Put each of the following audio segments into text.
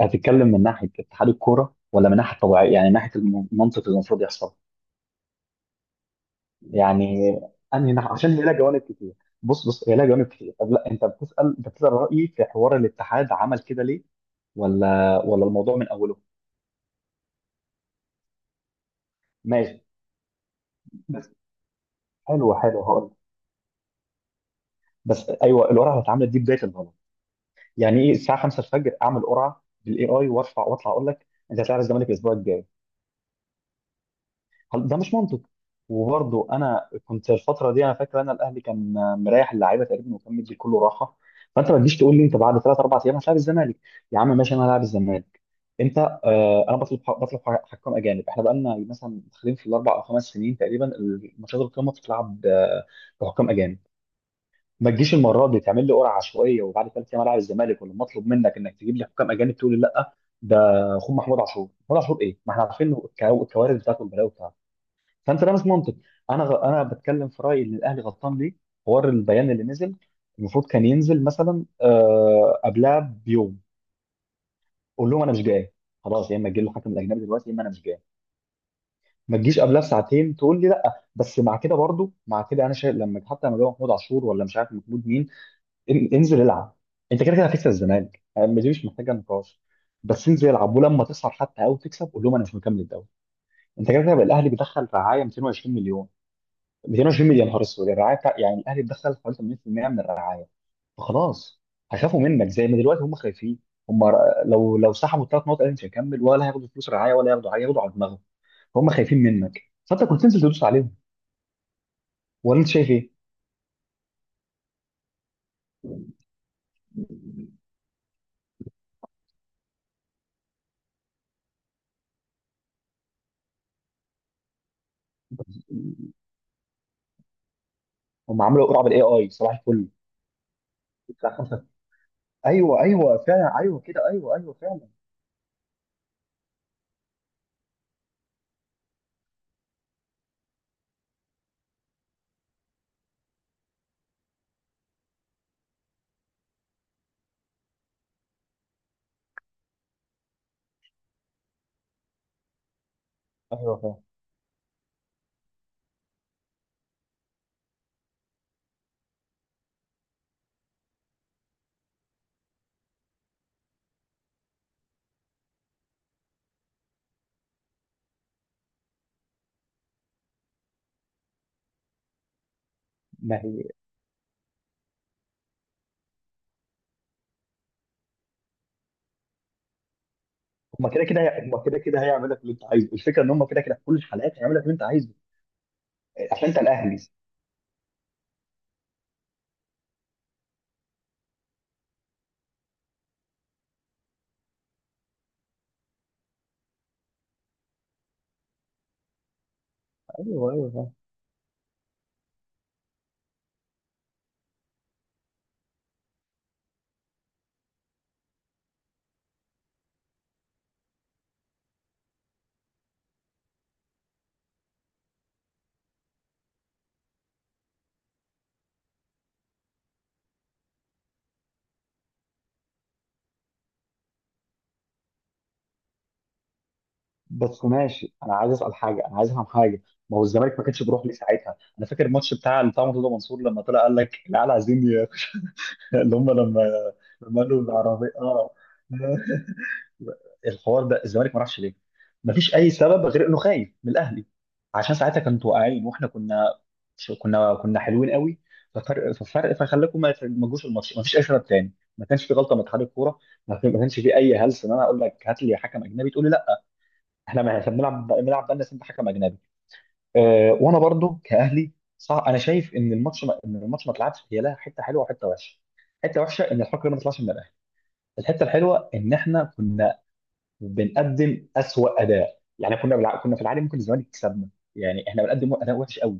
هتتكلم من ناحيه اتحاد الكوره ولا من ناحيه طبيعيه؟ يعني من ناحيه المنطق اللي المفروض يحصل. يعني انهي ناحيه؟ عشان هي لها جوانب كتير. بص، هي لها جوانب كتير. طب لا، انت بتسال، رايي في حوار الاتحاد عمل كده ليه؟ ولا الموضوع من اوله؟ ماشي، بس حلو حلو، هقول لك. بس ايوه، القرعه اتعملت دي بدايه الغلط. يعني ايه الساعه 5 الفجر اعمل قرعه بالاي اي وارفع واطلع اقول لك انت هتلاعب الزمالك الاسبوع الجاي؟ ده مش منطق. وبرضه انا كنت الفتره دي، انا فاكر انا الاهلي كان مريح اللعيبه تقريبا وكان مدي كله راحه. فانت ما تجيش تقول لي انت بعد 3 4 ايام هتلاعب الزمالك. يا عم ماشي، انا هلاعب الزمالك. انت، آه انا بطلب حكام اجانب. احنا بقالنا مثلا داخلين في ال 4 او 5 سنين تقريبا، الماتشات القمه بتتلعب بحكام اجانب. ما تجيش المره دي تعمل لي قرعه عشوائيه وبعد 3 ايام العب الزمالك، ولما اطلب منك انك تجيب لي حكام اجانب تقول لي لا. ده، خد محمود عاشور، محمود عاشور ايه؟ ما احنا عارفين الكوارث بتاعته والبلاوي بتاعته. فانت لابس منطق. انا بتكلم في رايي ان الاهلي غلطان ليه. حوار البيان اللي نزل، المفروض كان ينزل مثلا قبلها بيوم. قول لهم انا مش جاي خلاص، يا اما تجيب له حكم الاجنبي دلوقتي يا اما انا مش جاي. ما تجيش قبلها بساعتين تقول لي لا. بس مع كده برضو، مع كده انا شايف لما، حتى لما جاب محمود عاشور، ولا مش عارف محمود مين. انزل العب. انت كده كده هتكسب الزمالك يعني، دي مش محتاجه نقاش. بس انزل العب، ولما تخسر حتى او تكسب قول لهم انا مش مكمل الدوري. انت كده كده بقى، الاهلي بيدخل رعايه 220 مليون. 220 مليون، يا نهار اسود. الرعايه بتاع يعني الاهلي اتدخل حوالي 80% من الرعايه. فخلاص، هيخافوا منك زي ما دلوقتي هم خايفين. هم ر- لو سحبوا الثلاث نقط الاهلي مش هيكمل، ولا هياخدوا فلوس رعايه ولا هياخدوا حاجه، هياخدوا على دماغهم. فهم خايفين منك، فانت كنت تنزل تدوس عليهم. ولا انت شايف ايه؟ هم عملوا قرعه بالاي اي صباح الفل. ايوه، ايوه فعلا. ايوه كده. ايوه، ايوه فعلا. ايوه فعلا. ما هي هم كده كده هيعمل لك اللي انت عايزه. الفكره ان هم كده كده في كل الحلقات هيعمل لك اللي انت عايزه. عشان انت الاهلي. ايوه، ايوه فعلا. بس ماشي، انا عايز اسال حاجه، انا عايز افهم حاجه. ما هو الزمالك ما كانش بيروح ليه ساعتها؟ انا فاكر الماتش بتاع اللي بتاع مرتضى منصور لما طلع قال لك العيال عايزين اللي هم لما قالوا العربيه اه. الحوار ده الزمالك ما راحش ليه؟ ما فيش اي سبب غير انه خايف من الاهلي. عشان ساعتها كانوا واقعين، واحنا كنا حلوين قوي. ففرق فخلاكم ما تجوش الماتش. ما فيش اي سبب تاني، ما كانش في غلطه من اتحاد الكوره. ما كانش في اي هلس ان انا اقول لك هات لي حكم اجنبي تقول لي احنا، ما احنا بنلعب بقالنا سنه حكم اجنبي. أه، وانا برضو كاهلي. صح، انا شايف ان الماتش ما، اتلعبش هي لها حته حلوه وحته وحشه. حته وحشه ان الحكم ما طلعش من الاهلي. الحته الحلوه ان احنا كنا بنقدم اسوأ اداء، يعني كنا كنا في العادي ممكن الزمالك يكسبنا. يعني احنا بنقدم اداء وحش قوي.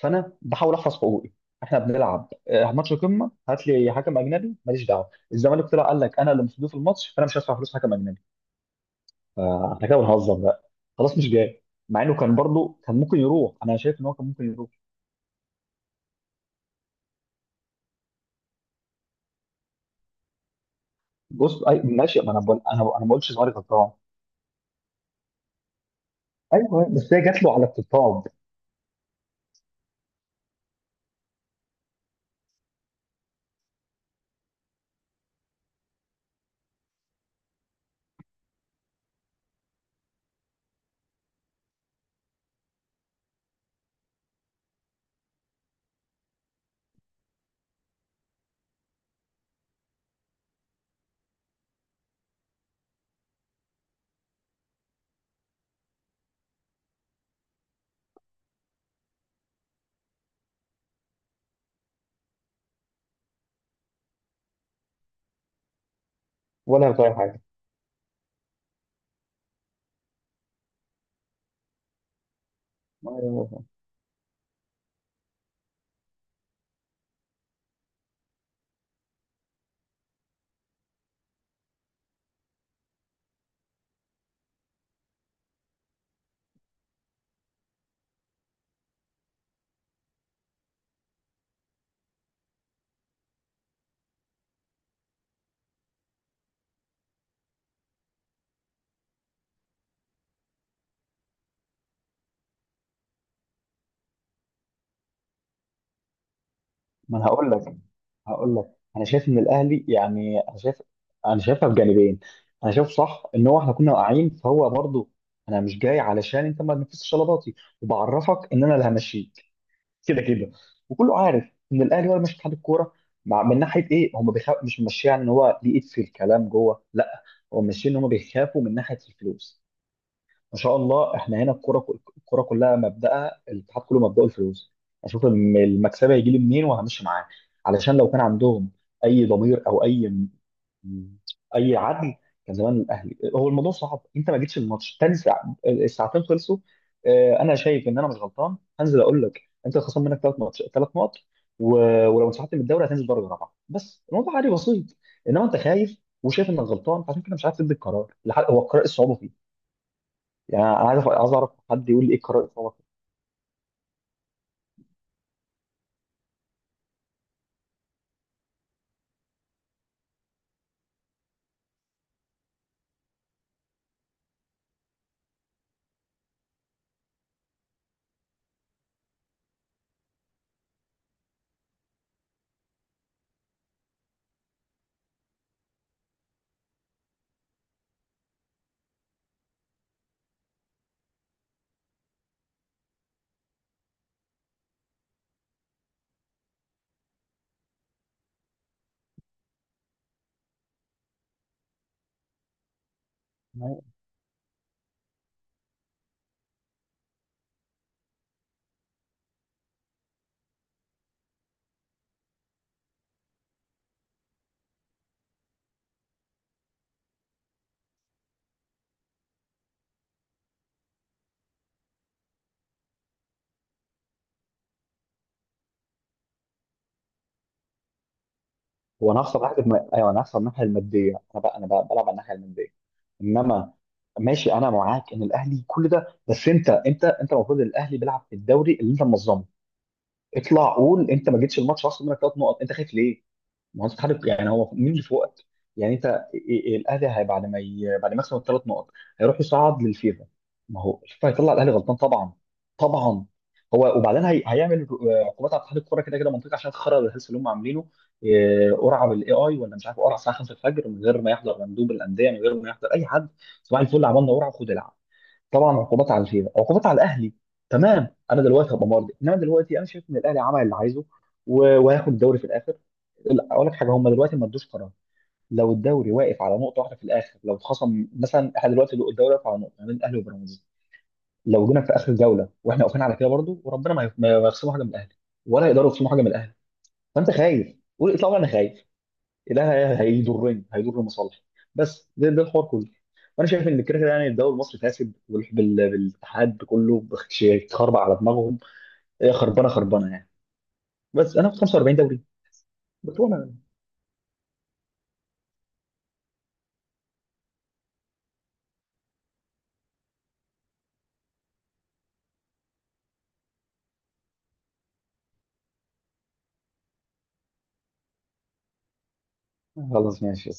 فانا بحاول احفظ حقوقي. احنا بنلعب ماتش قمه، هات لي حكم اجنبي، ماليش دعوه. الزمالك طلع قال لك انا اللي مصدوف الماتش فانا مش هدفع فلوس حكم اجنبي. فاحنا كده بنهزر بقى، خلاص مش جاي. مع انه كان برضه كان ممكن يروح، انا شايف ان هو كان ممكن يروح. بص، أي ماشي، ما انا بقول، انا ما بقولش الزمالك غلطان. ايوه، بس هي جات له على الطبطاب. ولا هتغير حاجه. ما ما انا هقول لك، هقول لك انا شايف ان الاهلي يعني، انا شايفها بجانبين. انا شايف صح ان هو احنا كنا واقعين فهو برضه، انا مش جاي علشان انت ما تنفذش طلباتي، وبعرفك ان انا اللي همشيه كده كده. وكله عارف ان الاهلي هو اللي ماشي اتحاد الكوره، مع، من ناحيه ايه هم بيخاف، مش ماشيين ان هو ليه ايد في الكلام جوه لا، هو ماشيين ان هم بيخافوا من ناحيه الفلوس. ما شاء الله احنا هنا. الكوره كلها مبدأها، الاتحاد كله مبدأه الفلوس. اشوف المكسبه هيجي لي منين وهمشي معاه. علشان لو كان عندهم اي ضمير او اي مم. اي عدل، كان زمان الاهلي هو، الموضوع صعب، انت ما جيتش الماتش تاني ساعة الساعتين خلصوا. انا شايف ان انا مش غلطان، هنزل اقول لك انت خصم منك 3 ماتش 3 نقط و... ولو انسحبت من الدوري هتنزل درجه رابعه، بس الموضوع عادي بسيط. انما انت خايف، وشايف انك غلطان عشان كده مش عارف تدي القرار هو القرار إيه الصعوبه فيه؟ يعني انا عايز اعرف حد يقول لي ايه القرار الصعوبه فيه. هو انا هخسر ناحيه ايوه انا هخسر الناحيه الماديه، انا بقى، بلعب على الناحيه الماديه. انما ماشي، انا معاك ان الاهلي كل ده، بس انت المفروض إن الاهلي بيلعب في الدوري اللي انت منظمه. اطلع قول انت ما جيتش الماتش خسر منك 3 نقط، انت خايف ليه؟ ما هو انت بتحارب يعني، هو مين اللي فوقك؟ يعني انت، الاهلي هي بعد ما ي... بعد ما يكسب ال 3 نقط هيروح يصعد للفيفا. ما هو الفيفا هيطلع الاهلي غلطان طبعا، طبعا. هو وبعدين هيعمل عقوبات على اتحاد الكوره كده كده منطقه، عشان خرب الهلس اللي هم عاملينه. قرعه بالاي اي، ولا مش عارف قرعه الساعه 5 الفجر من غير ما يحضر مندوب الانديه من غير ما يحضر اي حد. صباح الفل عملنا قرعه وخد العب. طبعا عقوبات على الفيفا، عقوبات على الاهلي. تمام، انا دلوقتي هبقى مرضي، انما دلوقتي انا شايف ان الاهلي عمل اللي عايزه وهياخد الدوري في الاخر. لا، اقول لك حاجه، هم دلوقتي ما ادوش قرار. لو الدوري واقف على نقطه واحده في الاخر، لو اتخصم مثلا، احنا دلوقتي الدوري واقف على نقطه ما بين الاهلي وبيراميدز. لو جينا في اخر جوله واحنا واقفين على كده برضو، وربنا ما يخصموا حاجه من الاهلي، ولا يقدروا يخصموا حاجه من الاهلي. فانت خايف، قول اطلع انا خايف، ده هيضرني، هيضر مصالحي. بس ده الحوار كله. وانا شايف ان كده كده يعني الدوري المصري فاسد بالاتحاد كله اتخربع على دماغهم. هي خربانه خربانه يعني. بس انا في 45 دوري، بتقول انا، خلاص ماشي.